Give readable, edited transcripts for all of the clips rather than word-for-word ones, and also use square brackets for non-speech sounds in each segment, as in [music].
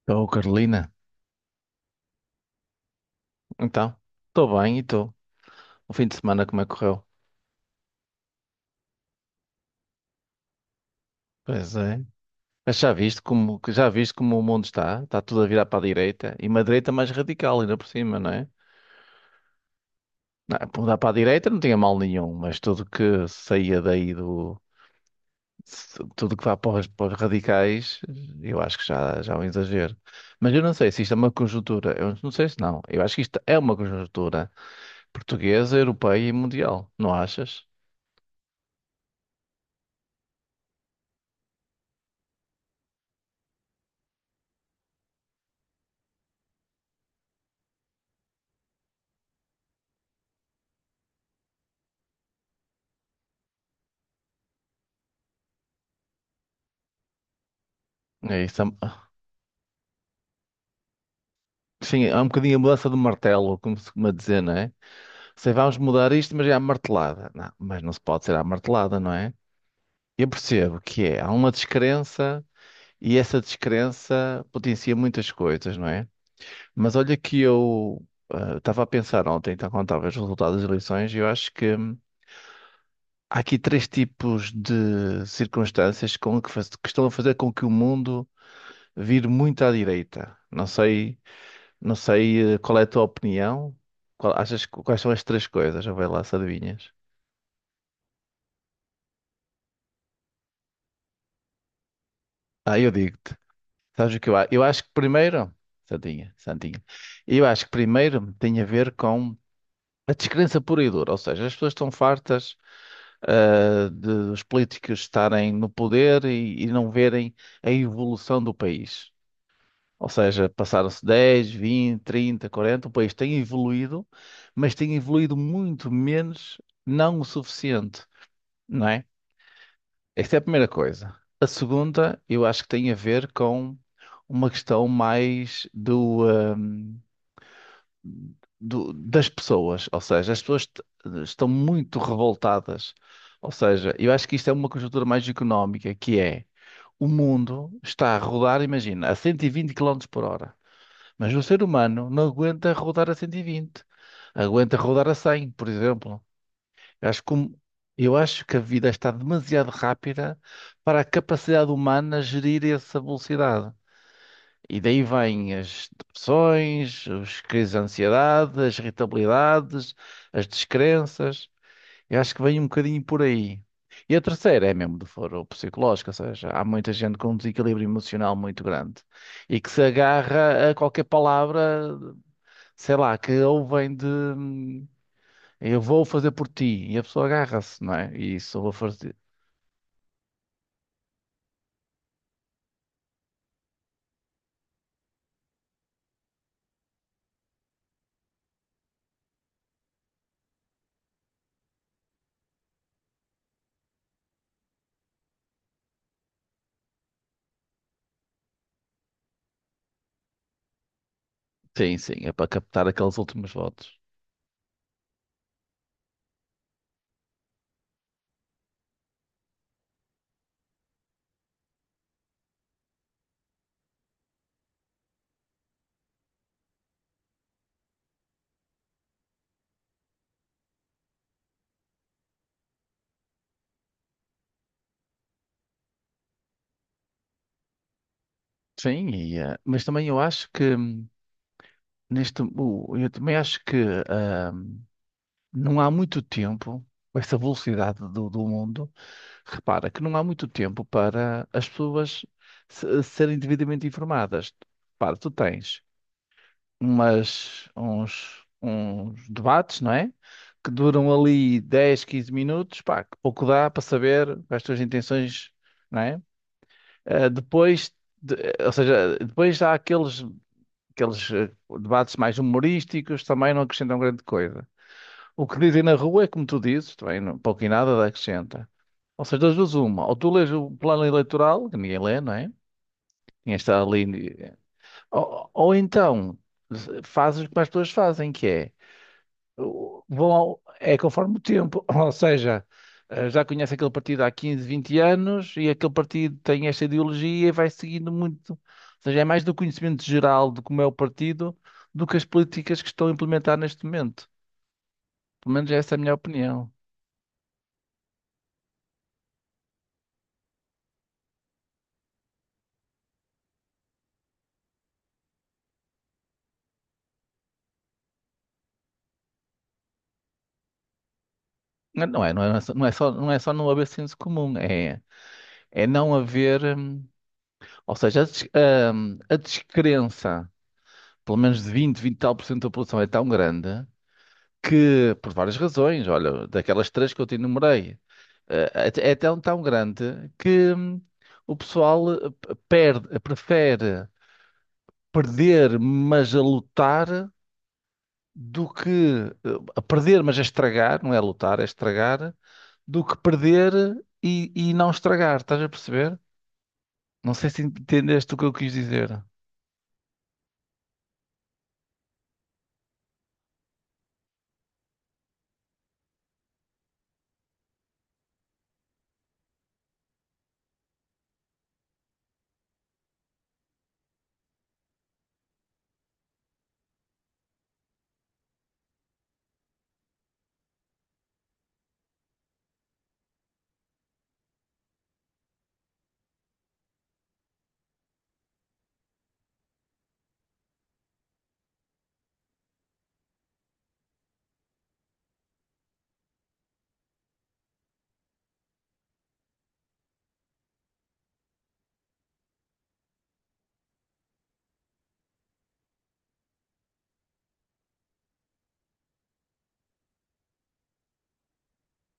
Estou, Carolina. Então, estou bem e estou. O fim de semana como é que correu? Pois é. Mas já viste como o mundo está? Está tudo a virar para a direita. E uma direita mais radical ainda por cima, não é? Não, mudar para a direita não tinha mal nenhum, mas tudo que saía daí do. Tudo que vá para os radicais, eu acho que já é um exagero. Mas eu não sei se isto é uma conjuntura. Eu não sei se não. Eu acho que isto é uma conjuntura portuguesa, europeia e mundial. Não achas? É isso. Sim, há um bocadinho a mudança do martelo, como se costuma dizer, não é? Sei, vamos mudar isto, mas é à martelada. Não, mas não se pode ser à martelada, não é? Eu percebo que é, há uma descrença e essa descrença potencia muitas coisas, não é? Mas olha que eu estava a pensar ontem, então, quando estava os resultados das eleições, e eu acho que há aqui três tipos de circunstâncias que estão a fazer com que o mundo vire muito à direita. Não sei qual é a tua opinião. Achas, quais são as três coisas? Já vai lá se adivinhas. Ah, eu digo-te. Sabes o que eu acho? Eu acho que primeiro. Santinha, Santinha. Eu acho que primeiro tem a ver com a descrença pura e dura. Ou seja, as pessoas estão fartas, de os políticos estarem no poder e não verem a evolução do país. Ou seja, passaram-se 10, 20, 30, 40. O país tem evoluído, mas tem evoluído muito menos, não o suficiente, não é? Esta é a primeira coisa. A segunda, eu acho que tem a ver com uma questão mais hum, das pessoas. Ou seja, as pessoas estão muito revoltadas. Ou seja, eu acho que isto é uma conjuntura mais económica, que é o mundo está a rodar, imagina, a 120 km por hora. Mas o ser humano não aguenta rodar a 120, aguenta rodar a 100, por exemplo. Eu acho que, o- eu acho que a vida está demasiado rápida para a capacidade humana gerir essa velocidade. E daí vêm as depressões, as crises de ansiedade, as irritabilidades, as descrenças. Eu acho que vem um bocadinho por aí. E a terceira é mesmo do foro psicológico, ou seja, há muita gente com um desequilíbrio emocional muito grande e que se agarra a qualquer palavra, sei lá, que ou vem de, eu vou fazer por ti. E a pessoa agarra-se, não é? E isso eu vou fazer. Sim, sim, é para captar aqueles últimos votos. Sim, e, mas também eu acho que eu também acho que ah, não há muito tempo, com essa velocidade do mundo, repara que não há muito tempo para as pessoas serem devidamente informadas. Repara, tu tens uns debates, não é? Que duram ali 10 15 minutos, pá, que pouco dá para saber as tuas intenções, não é? Eh, depois, ou seja, depois há aqueles debates mais humorísticos, também não acrescentam grande coisa. O que dizem na rua é como tu dizes, também pouco e nada acrescenta. Ou seja, das duas uma, ou tu lês o plano eleitoral, que ninguém lê, não é? Ninguém está ali. eh, ou então, eh, fazes o que mais pessoas fazem, que é é conforme o tempo, [laughs] ou seja, já conhece aquele partido há 15, 20 anos e aquele partido tem esta ideologia e vai seguindo muito. Ou seja, é mais do conhecimento geral de como é o partido do que as políticas que estão a implementar neste momento. Pelo menos essa é a minha opinião. Não é, não é, não é, não é só não haver senso comum, é não haver, ou seja, a descrença, pelo menos de vinte e tal por cento da população é tão grande que, por várias razões, olha, daquelas três que eu te enumerei, eh, é tão, tão grande que o pessoal prefere perder, mas a lutar, do que a perder, mas a estragar, não é lutar, é estragar, do que perder e não estragar, estás a perceber? Não sei se entendeste o que eu quis dizer.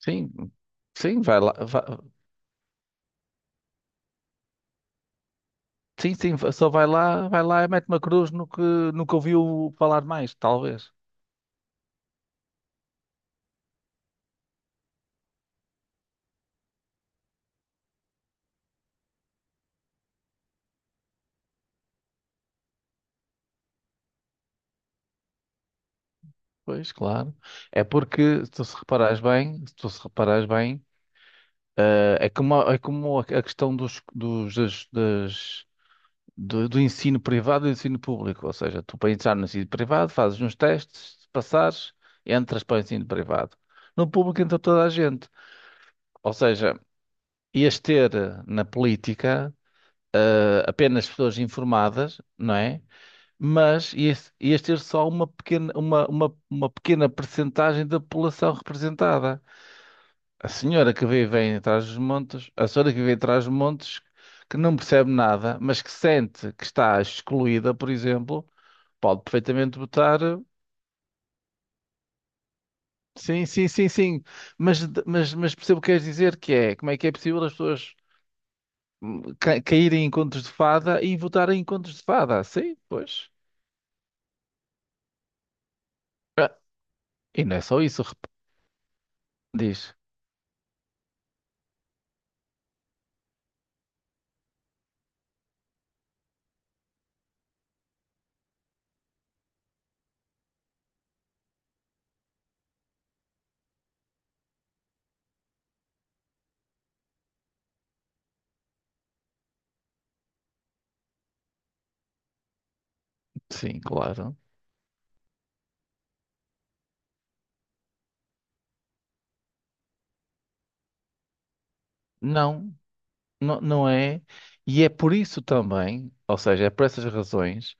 Sim, sim, vai lá, sim, sim, só vai lá e mete uma cruz no que ouviu falar mais, talvez. Pois, claro. É porque, se tu se reparares bem, se tu se reparares bem, é como, é como a questão dos, dos, das, das- do, do ensino privado e do ensino público. Ou seja, tu para entrar no ensino privado fazes uns testes, se passares, entras para o ensino privado. No público entra toda a gente. Ou seja, ias ter na política apenas pessoas informadas, não é? Mas ias ter só uma pequena percentagem da população representada. A senhora que vive em atrás dos montes, a senhora que vive atrás dos montes, que não percebe nada, mas que sente que está excluída, por exemplo, pode perfeitamente votar sim, sim, sim, sim. Mas percebo o que queres dizer, que é como é que é possível as pessoas caírem em contos de fada e votarem em contos de fada? Sim, pois. Ah, e não é só isso, diz. Sim, claro. Não, não, não é. E é por isso também, ou seja, é por essas razões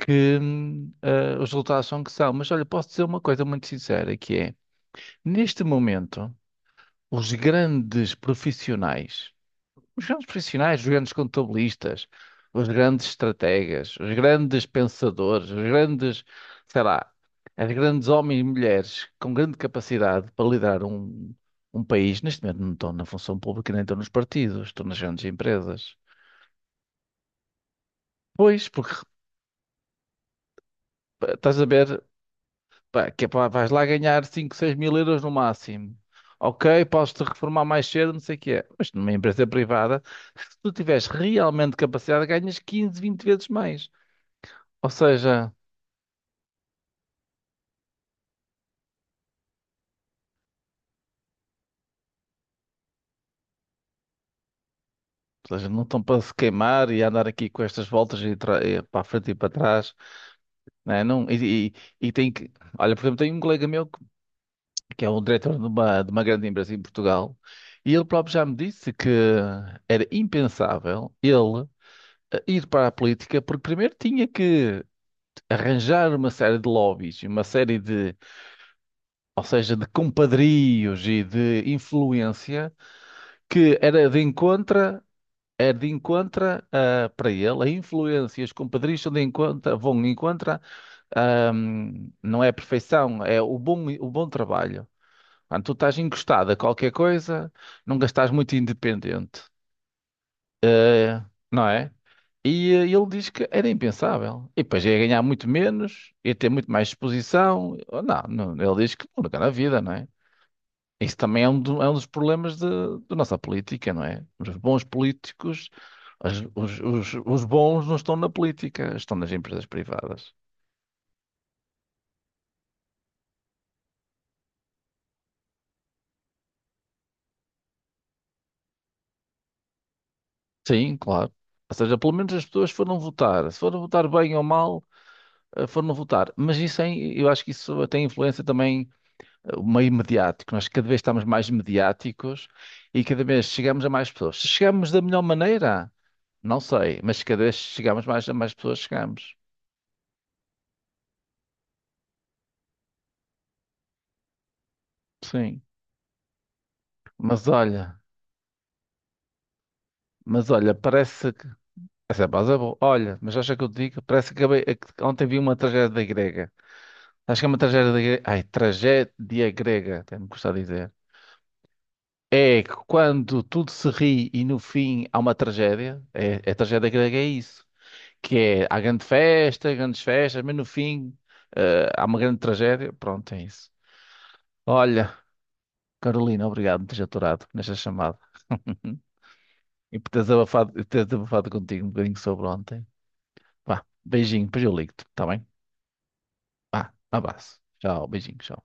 que os resultados são que são. Mas olha, posso dizer uma coisa muito sincera, que é, neste momento, os grandes profissionais, os grandes profissionais, os grandes contabilistas, os grandes estrategas, os grandes pensadores, os grandes, sei lá, as grandes homens e mulheres com grande capacidade para liderar um país, neste momento não estão na função pública, nem estão nos partidos, estão nas grandes empresas. Pois, porque estás a ver, pá, que é pá, vais lá ganhar 5 6000 euros no máximo. Ok, podes-te reformar mais cedo, não sei o que é. Mas numa empresa privada, se tu tiveres realmente capacidade, ganhas 15, 20 vezes mais. Ou seja, ou seja, não estão para se queimar e andar aqui com estas voltas e para a frente e para trás. Né? Não, e tem que. Olha, por exemplo, tem um colega meu que é um diretor de uma grande empresa em Portugal e ele próprio já me disse que era impensável ele ir para a política porque primeiro tinha que arranjar uma série de lobbies, uma série de, ou seja, de compadrios e de influência que era de encontra, é de encontra para ele, a influência, e os compadrios são de encontra, vão de encontra, ah, não é a perfeição, é o bom trabalho. Quando tu estás encostado a qualquer coisa, nunca estás muito independente, não é? E ele diz que era impensável. E depois ia ganhar muito menos, ia ter muito mais exposição. Oh, não, não, ele diz que nunca na vida, não é? Isso também é é um dos problemas da nossa política, não é? Os bons políticos, os bons não estão na política, estão nas empresas privadas. Sim, claro. Ou seja, pelo menos as pessoas foram votar. Se foram votar bem ou mal, foram votar. Mas isso é, eu acho que isso tem influência também o meio mediático. Nós cada vez estamos mais mediáticos e cada vez chegamos a mais pessoas. Se chegamos da melhor maneira, não sei, mas cada vez chegamos mais a mais pessoas, chegamos. Sim. Mas olha, mas olha, parece que. Essa é pausa boa. Olha, mas acha que eu te digo? Parece que é que ontem vi uma tragédia grega. Acho que é uma tragédia grega. Ai, tragédia grega, até me custa dizer. É que quando tudo se ri e no fim há uma tragédia, é, tragédia grega, é isso. Que é, há grande festa, grandes festas, mas no fim, há uma grande tragédia. Pronto, é isso. Olha, Carolina, obrigado por me teres aturado nesta chamada [laughs] e por teres abafado contigo um bocadinho sobre ontem. Vá, beijinho, depois eu ligo-te, está bem? Vá, um abraço. Tchau, beijinho, tchau.